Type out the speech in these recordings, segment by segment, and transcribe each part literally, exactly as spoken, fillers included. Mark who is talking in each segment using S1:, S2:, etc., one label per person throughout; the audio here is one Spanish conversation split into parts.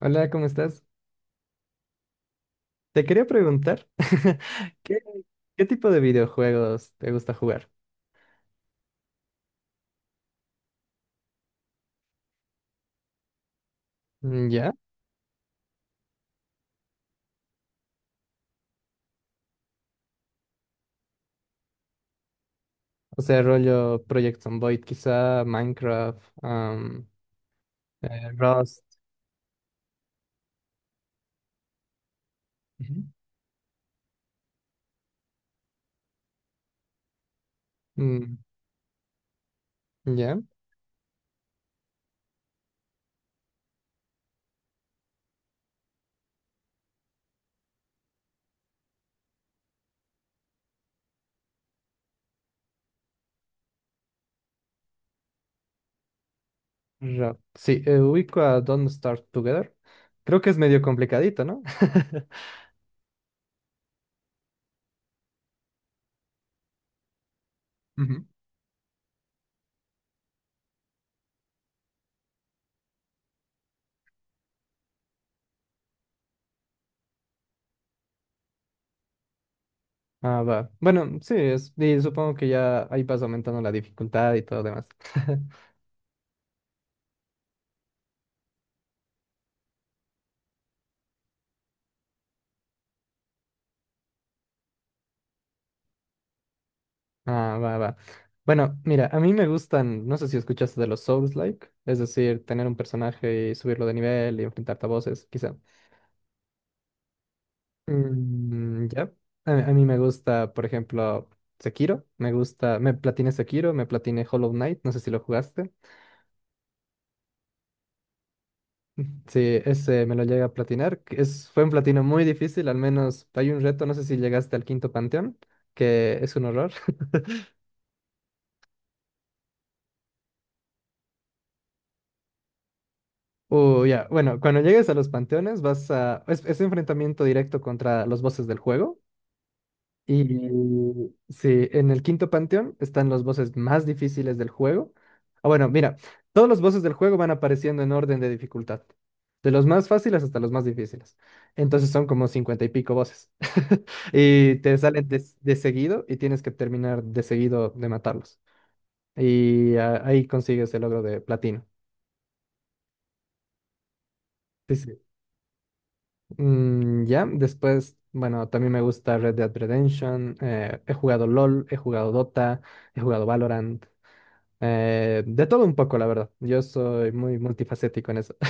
S1: Hola, ¿cómo estás? Te quería preguntar, ¿qué, qué tipo de videojuegos te gusta jugar? Mm, ¿ya? O sea, rollo Project Zomboid, quizá Minecraft, am, eh, Rust. Ujú. Mm, ¿ya? Ra- Sí, eh, ubico a Don't Start Together. Creo que es medio complicadito, ¿no? Ujú. Ah, va. Bueno, sí, es, y supongo que ya ahí vas aumentando la dificultad y todo lo demás. Ah, va, va. Bueno, mira, a mí me gustan, no sé si escuchaste de los Souls-like, es decir, tener un personaje y subirlo de nivel y enfrentarte a voces, quizá. Mm, ya. A, a mí me gusta, por ejemplo, Sekiro, me gusta, me platiné Sekiro, me platiné Hollow Knight, no sé si lo jugaste. Sí, ese me lo llegué a platinar, que es, fue un platino muy difícil, al menos hay un reto, no sé si llegaste al quinto panteón, que es un horror. Uh, ya, bueno, cuando llegues a los panteones vas a... Es, es enfrentamiento directo contra los bosses del juego. Y sí, en el quinto panteón están los bosses más difíciles del juego. Ah, bueno, mira, todos los bosses del juego van apareciendo en orden de dificultad. De los más fáciles hasta los más difíciles. Entonces son como cincuenta y pico bosses. Y te salen de, de seguido y tienes que terminar de seguido de matarlos. Y ah, ahí consigues el logro de platino. Sí, sí. Mm, ya, después, bueno, también me gusta Red Dead Redemption, eh, he jugado LOL, he jugado Dota, he jugado Valorant, eh, de todo un poco, la verdad. Yo soy muy multifacético en eso.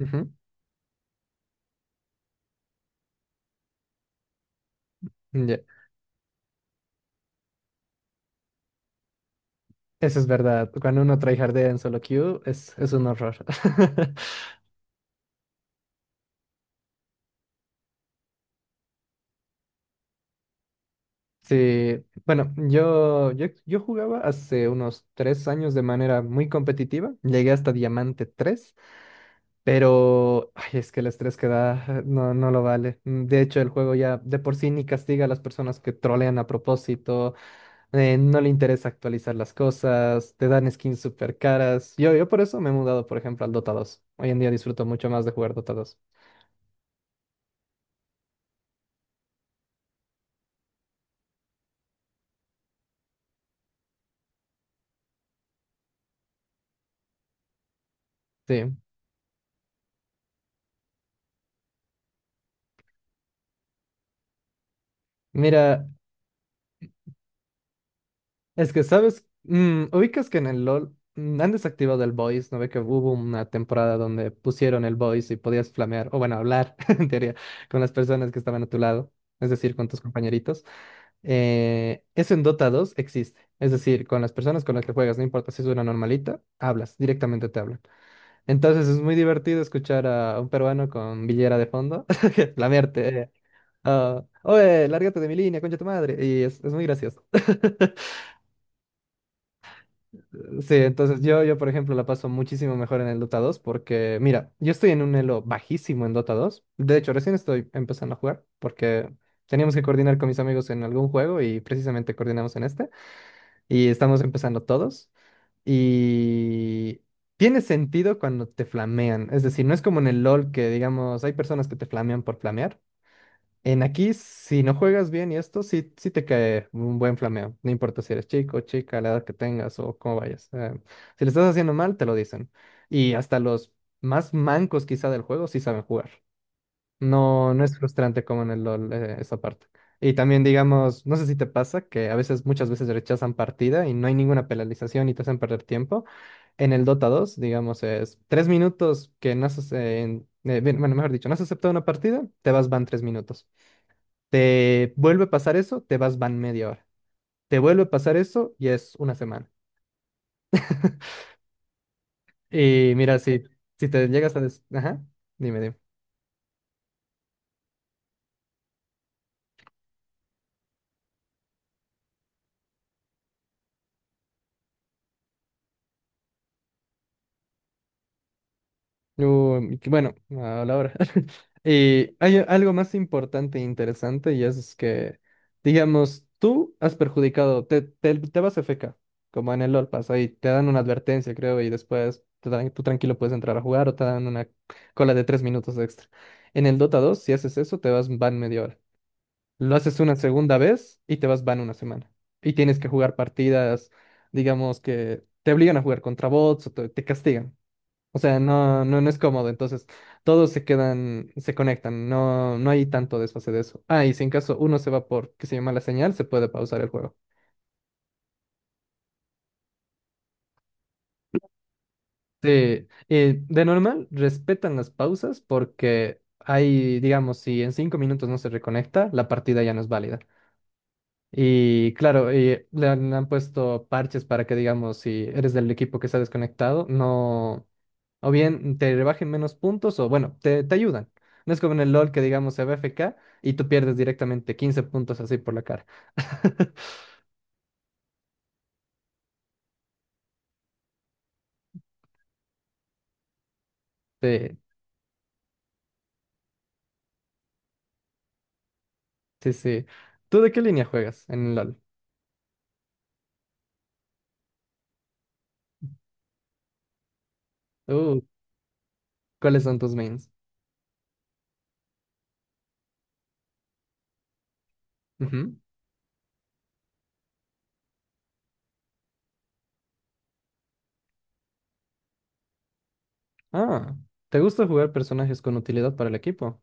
S1: Ujú, ya, eso es verdad. Cuando uno tryhardea en solo queue, es, es un horror. Sí, bueno, yo, yo, yo jugaba hace unos tres años de manera muy competitiva. Llegué hasta Diamante tres. Pero ay, es que el estrés que da no, no lo vale. Mm, De hecho, el juego ya de por sí ni castiga a las personas que trolean a propósito, eh, no le interesa actualizar las cosas, te dan skins súper caras. Yo, yo por eso me he mudado, por ejemplo, al Dota dos. Hoy en día disfruto mucho más de jugar Dota dos. Sí. Mira, es que, ¿sabes? Mm, ubicas que en el LOL mm, han desactivado el voice, ¿no ve que hubo una temporada donde pusieron el voice y podías flamear, o bueno, hablar, en teoría, con las personas que estaban a tu lado, es decir, con tus compañeritos? Eh, eso en Dota dos existe, es decir, con las personas con las que juegas, no importa si es una normalita, hablas, directamente te hablan. Entonces es muy divertido escuchar a un peruano con villera de fondo, que flamearte, eh, ah, oye, lárgate de mi línea, concha tu madre, y es, es muy gracioso. Sí, entonces yo, yo, por ejemplo, la paso muchísimo mejor en el Dota dos porque, mira, yo estoy en un elo bajísimo en Dota dos. De hecho, recién estoy empezando a jugar porque teníamos que coordinar con mis amigos en algún juego y precisamente coordinamos en este. Y estamos empezando todos. Y tiene sentido cuando te flamean. Es decir, no es como en el LOL que, digamos, hay personas que te flamean por flamear. En aquí, si no juegas bien y esto, sí, sí te cae un buen flameo. No importa si eres chico, chica, la edad que tengas o cómo vayas. Eh, si le estás haciendo mal, te lo dicen. Y hasta los más mancos quizá del juego sí saben jugar. No, no es frustrante como en el LoL, eh, esa parte. Y también, digamos, no sé si te pasa que a veces, muchas veces rechazan partida y no hay ninguna penalización y te hacen perder tiempo. En el Dota dos, digamos, es tres minutos que no has, eh, en- eh, bien, bueno, mejor dicho, no has aceptado una partida, te vas, van tres minutos. Te vuelve a pasar eso, te vas, van media hora. Te vuelve a pasar eso y es una semana. Y mira, si, si te llegas a... des- Ajá, dime, dime. Uy, que bueno, a la hora. Y hay algo más importante e interesante y es que, digamos, tú has perjudicado, te, te, te vas F K, como en el LOL pasa, y te dan una advertencia, creo, y después te dan- tú tranquilo puedes entrar a jugar o te dan una cola de tres minutos extra. En el Dota dos si haces eso, te vas, van media hora. Lo haces una segunda vez y te vas van una semana. Y tienes que jugar partidas, digamos que te obligan a jugar contra bots o te, te castigan. O sea, no, no, no es cómodo. Entonces, todos se quedan, se conectan. No, no hay tanto desfase de eso. Ah, y si en caso uno se va por que se llama la señal, se puede pausar el juego. Sí, eh, de normal respetan las pausas porque hay, digamos, si en cinco minutos no se reconecta, la partida ya no es válida. Y claro, y le han, han puesto parches para que, digamos, si eres del equipo que está desconectado, no, o bien te rebajen menos puntos o, bueno, te, te ayudan. No es como en el LOL que, digamos, se va F K y tú pierdes directamente quince puntos así por la cara. Sí, sí, sí. ¿Tú de qué línea juegas en el LOL? Uh, ¿Cuáles son tus mains? Ujú. Ah, ¿te gusta jugar personajes con utilidad para el equipo?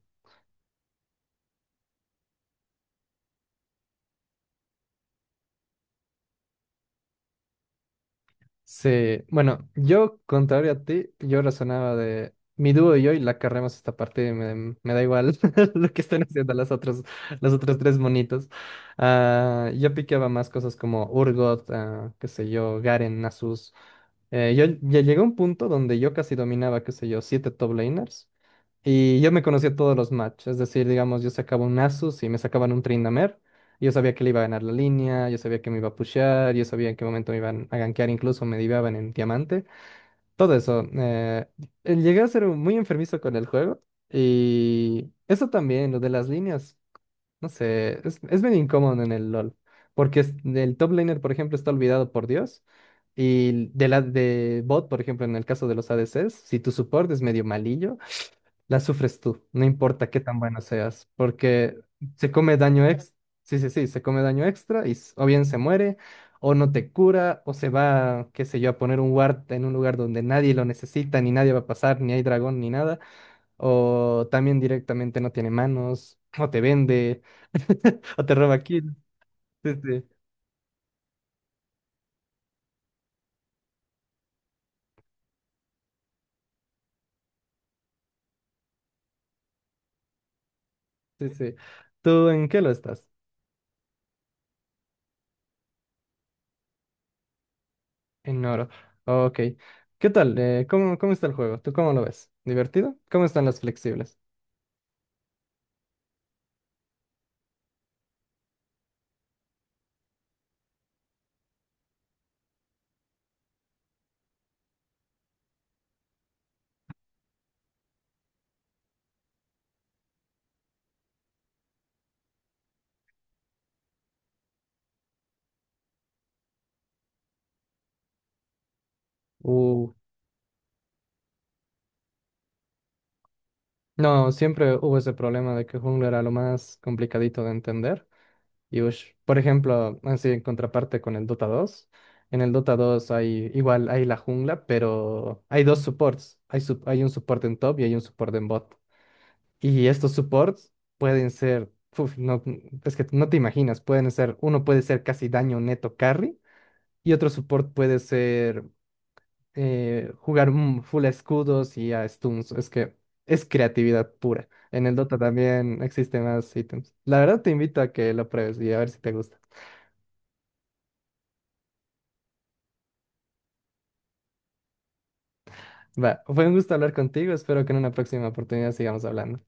S1: Sí, bueno, yo contrario a ti, yo razonaba de mi dúo y yo y la carremos esta parte, y me, me da igual lo que estén haciendo las otras, los otros tres monitos. Ah, yo piqueaba más cosas como Urgot, ah, qué sé yo, Garen, Nasus. Eh, yo ya llegué a un punto donde yo casi dominaba, qué sé yo, siete top laners. Y yo me conocía todos los match, es decir, digamos, yo sacaba un Asus y me sacaban un Tryndamere, y yo sabía que le iba a ganar la línea, yo sabía que me iba a pushear, yo sabía en qué momento me iban a gankear, incluso me diveaban en diamante, todo eso. eh, eh, llegué a ser muy enfermizo con el juego, y eso también, lo de las líneas, no sé, es, es bien incómodo en el LoL, porque es- el top laner, por ejemplo, está olvidado por Dios, y de la de bot, por ejemplo, en el caso de los A D Cs, si tu support es medio malillo, la sufres tú, no importa qué tan bueno seas, porque se come daño extra, sí, sí, sí, se come daño extra y s- o bien se muere, o no te cura, o se va, qué sé yo, a poner un ward en un lugar donde nadie lo necesita, ni nadie va a pasar, ni hay dragón, ni nada, o también directamente no tiene manos, o te vende, o te roba kill. Sí, sí, sí, sí. ¿Tú en qué lo estás? En oro. Ok. ¿Qué tal? Eh, ¿cómo, cómo está el juego? ¿Tú cómo lo ves? ¿Divertido? ¿Cómo están las flexibles? Uh. No, siempre hubo ese problema de que Jungla era lo más complicadito de entender. Y ush, por ejemplo, así en contraparte con el Dota dos, en el Dota dos hay igual hay la jungla, pero hay dos supports. Hay, sup- hay un support en top y hay un support en bot. Y estos supports pueden ser, uf, no, es que no te imaginas, pueden ser, uno puede ser casi daño neto carry y otro support puede ser eh, jugar un full escudos y a stuns. Es que es creatividad pura. En el Dota también existen más ítems. La verdad te invito a que lo pruebes y a ver si te gusta. Va, fue un gusto hablar contigo. Espero que en una próxima oportunidad sigamos hablando.